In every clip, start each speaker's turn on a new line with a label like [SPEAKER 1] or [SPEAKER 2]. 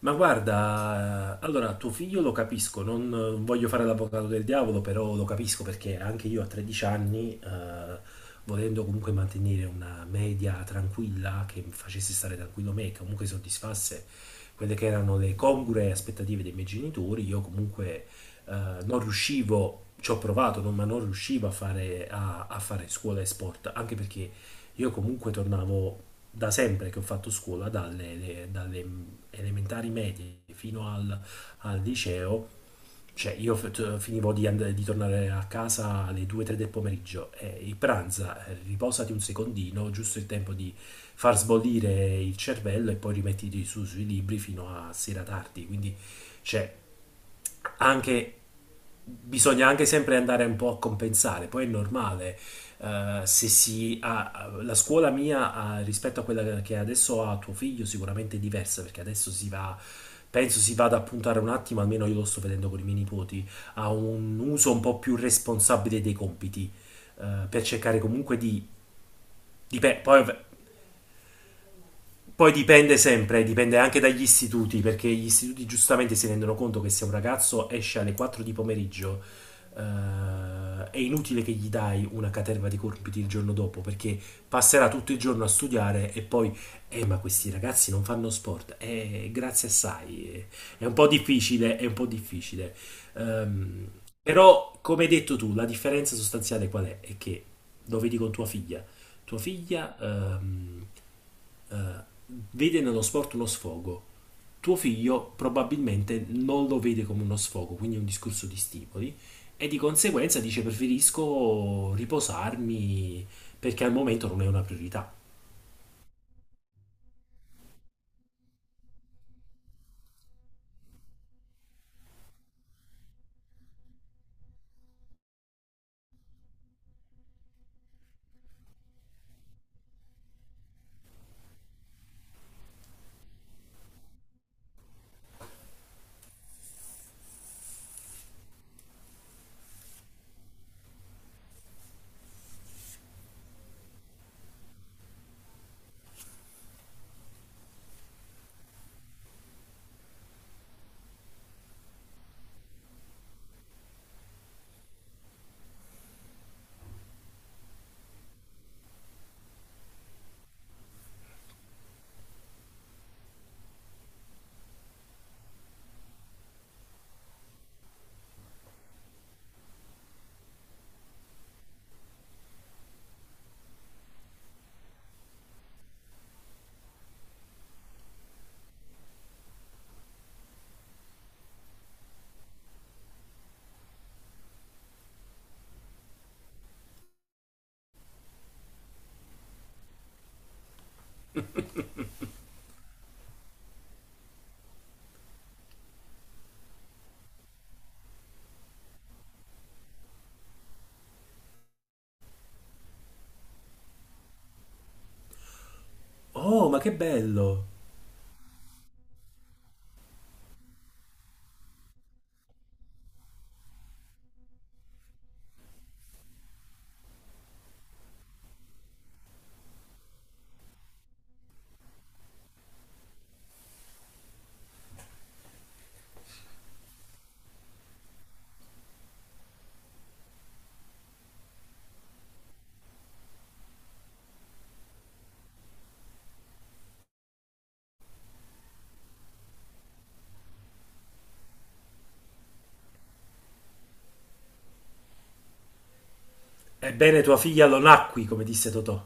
[SPEAKER 1] Ma guarda, allora tuo figlio lo capisco, non voglio fare l'avvocato del diavolo, però lo capisco perché anche io a 13 anni, volendo comunque mantenere una media tranquilla, che mi facesse stare tranquillo me, che comunque soddisfasse quelle che erano le congrue aspettative dei miei genitori, io comunque eh, non riuscivo, ci ho provato, ma non riuscivo a fare, a fare scuola e sport, anche perché io comunque tornavo da sempre che ho fatto scuola, dalle elementari medie fino al liceo, cioè io finivo di tornare a casa alle 2-3 del pomeriggio e il pranza, riposati un secondino, giusto il tempo di far sbollire il cervello e poi rimettiti su sui libri fino a sera tardi, quindi cioè, anche bisogna anche sempre andare un po' a compensare, poi è normale. Se si ha, la scuola mia ha- rispetto a quella che adesso ha tuo figlio, sicuramente è diversa, perché adesso si va, penso si vada a puntare un attimo, almeno io lo sto vedendo con i miei nipoti, a un uso un po' più responsabile dei compiti, per cercare comunque di, poi dipende sempre, dipende anche dagli istituti, perché gli istituti giustamente si rendono conto che se un ragazzo esce alle 4 di pomeriggio, è inutile che gli dai una caterva di compiti il giorno dopo, perché passerà tutto il giorno a studiare e poi ma questi ragazzi non fanno sport, grazie assai, è un po' difficile, è un po' difficile. Ehm, Però, come hai detto tu, la differenza sostanziale qual è? È che lo vedi con tua figlia. Tua figlia... eh, vede nello sport uno sfogo, tuo figlio probabilmente non lo vede come uno sfogo, quindi è un discorso di stimoli e di conseguenza dice preferisco riposarmi perché al momento non è una priorità. Oh, ma che bello! Ebbene, tua figlia lo nacqui, come disse Totò.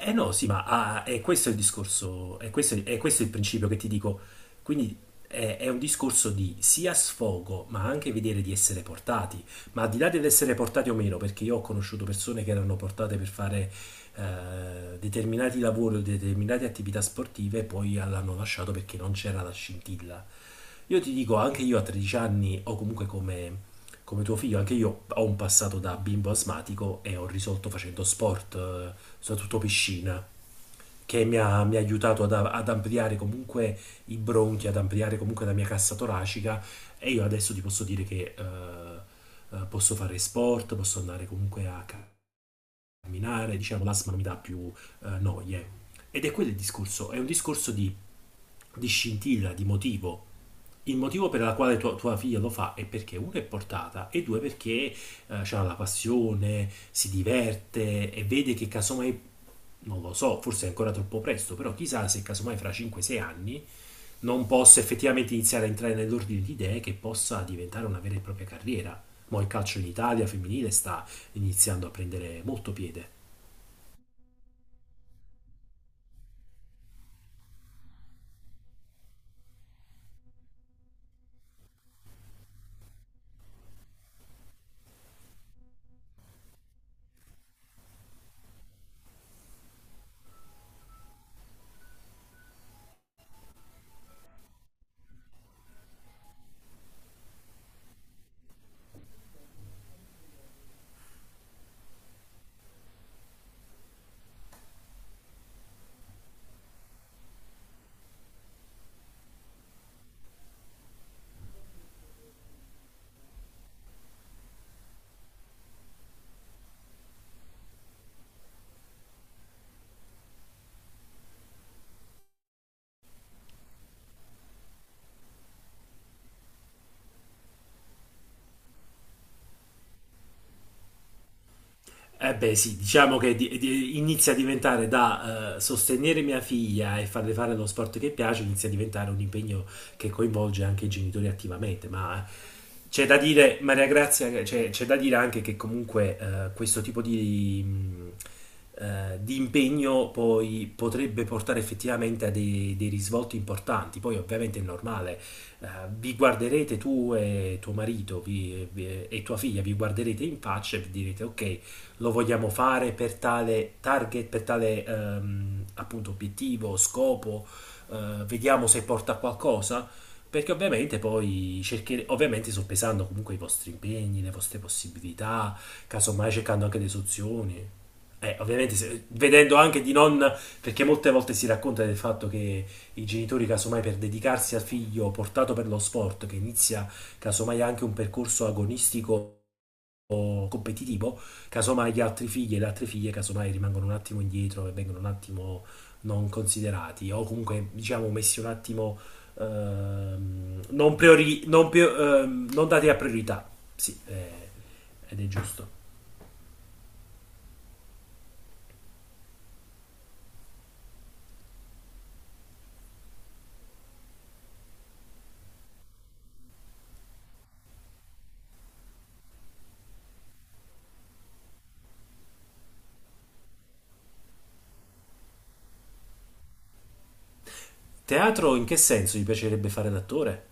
[SPEAKER 1] Eh no, sì, ma ah, è questo il discorso, è questo il principio che ti dico. Quindi è un discorso di sia sfogo, ma anche vedere di essere portati. Ma al di là dell'essere portati o meno, perché io ho conosciuto persone che erano portate per fare determinati lavori o determinate attività sportive e poi l'hanno lasciato perché non c'era la scintilla. Io ti dico, anche io a 13 anni, o comunque come tuo figlio, anche io ho un passato da bimbo asmatico e ho risolto facendo sport, soprattutto piscina, mi ha aiutato ad ampliare comunque i bronchi, ad ampliare comunque la mia cassa toracica e io adesso ti posso dire che posso fare sport, posso andare comunque a camminare, diciamo l'asma non mi dà più noie. Ed è quello il discorso, è un discorso di scintilla, di motivo, il motivo per la quale tua figlia lo fa è perché uno è portata e due perché ha la passione, si diverte e vede che casomai, non lo so, forse è ancora troppo presto, però chissà se casomai fra 5-6 anni non possa effettivamente iniziare a entrare nell'ordine di idee che possa diventare una vera e propria carriera. Ma il calcio in Italia femminile sta iniziando a prendere molto piede. Eh beh, sì, diciamo che inizia a diventare da sostenere mia figlia e farle fare lo sport che piace, inizia a diventare un impegno che coinvolge anche i genitori attivamente, ma c'è da dire, Maria Grazia, che c'è da dire anche che comunque questo tipo di impegno poi potrebbe portare effettivamente a dei risvolti importanti. Poi ovviamente è normale, eh, vi guarderete tu e tuo marito e tua figlia, vi guarderete in faccia e vi direte ok, lo vogliamo fare per tale target, per tale appunto obiettivo, scopo, vediamo se porta a qualcosa, perché ovviamente poi cerchere, ovviamente soppesando comunque i vostri impegni, le vostre possibilità, casomai cercando anche delle soluzioni. Ovviamente vedendo anche di non, perché molte volte si racconta del fatto che i genitori casomai per dedicarsi al figlio portato per lo sport, che inizia casomai anche un percorso agonistico competitivo, casomai gli altri figli e le altre figlie casomai rimangono un attimo indietro e vengono un attimo non considerati o comunque diciamo messi un attimo non dati a priorità. Sì, ed è giusto. Teatro, in che senso? Gli piacerebbe fare l'attore?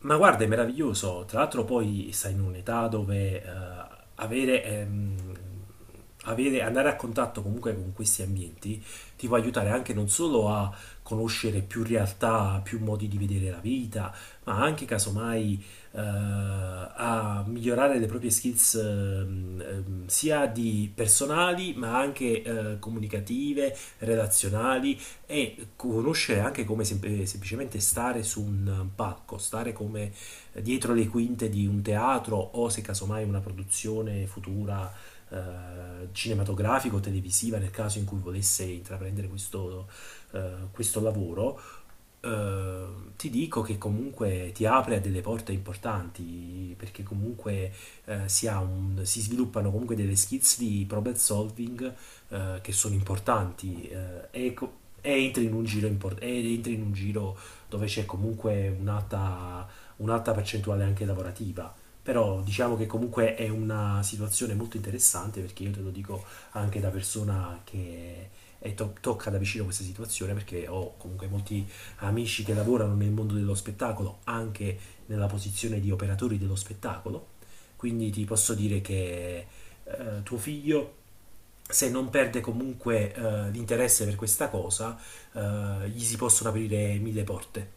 [SPEAKER 1] Ma guarda, è meraviglioso. Tra l'altro poi stai in un'età dove avere, ehm, andare a contatto comunque con questi ambienti ti può aiutare anche non solo a conoscere più realtà, più modi di vedere la vita, ma anche casomai a migliorare le proprie skills sia di personali, ma anche comunicative, relazionali e conoscere anche come semplicemente stare su un palco, stare come dietro le quinte di un teatro o se casomai una produzione futura cinematografica o televisiva nel caso in cui volesse intraprendere questo questo lavoro. eh, Ti dico che comunque ti apre a delle porte importanti, perché comunque si, ha un- si sviluppano comunque delle skills di problem solving che sono importanti, e entri in un giro impor- e entri in un giro dove c'è comunque un'alta percentuale anche lavorativa. Però diciamo che comunque è una situazione molto interessante, perché io te lo dico anche da persona che tocca da vicino questa situazione, perché ho comunque molti amici che lavorano nel mondo dello spettacolo, anche nella posizione di operatori dello spettacolo. Quindi ti posso dire che tuo figlio, se non perde comunque l'interesse per questa cosa, gli si possono aprire 1000 porte.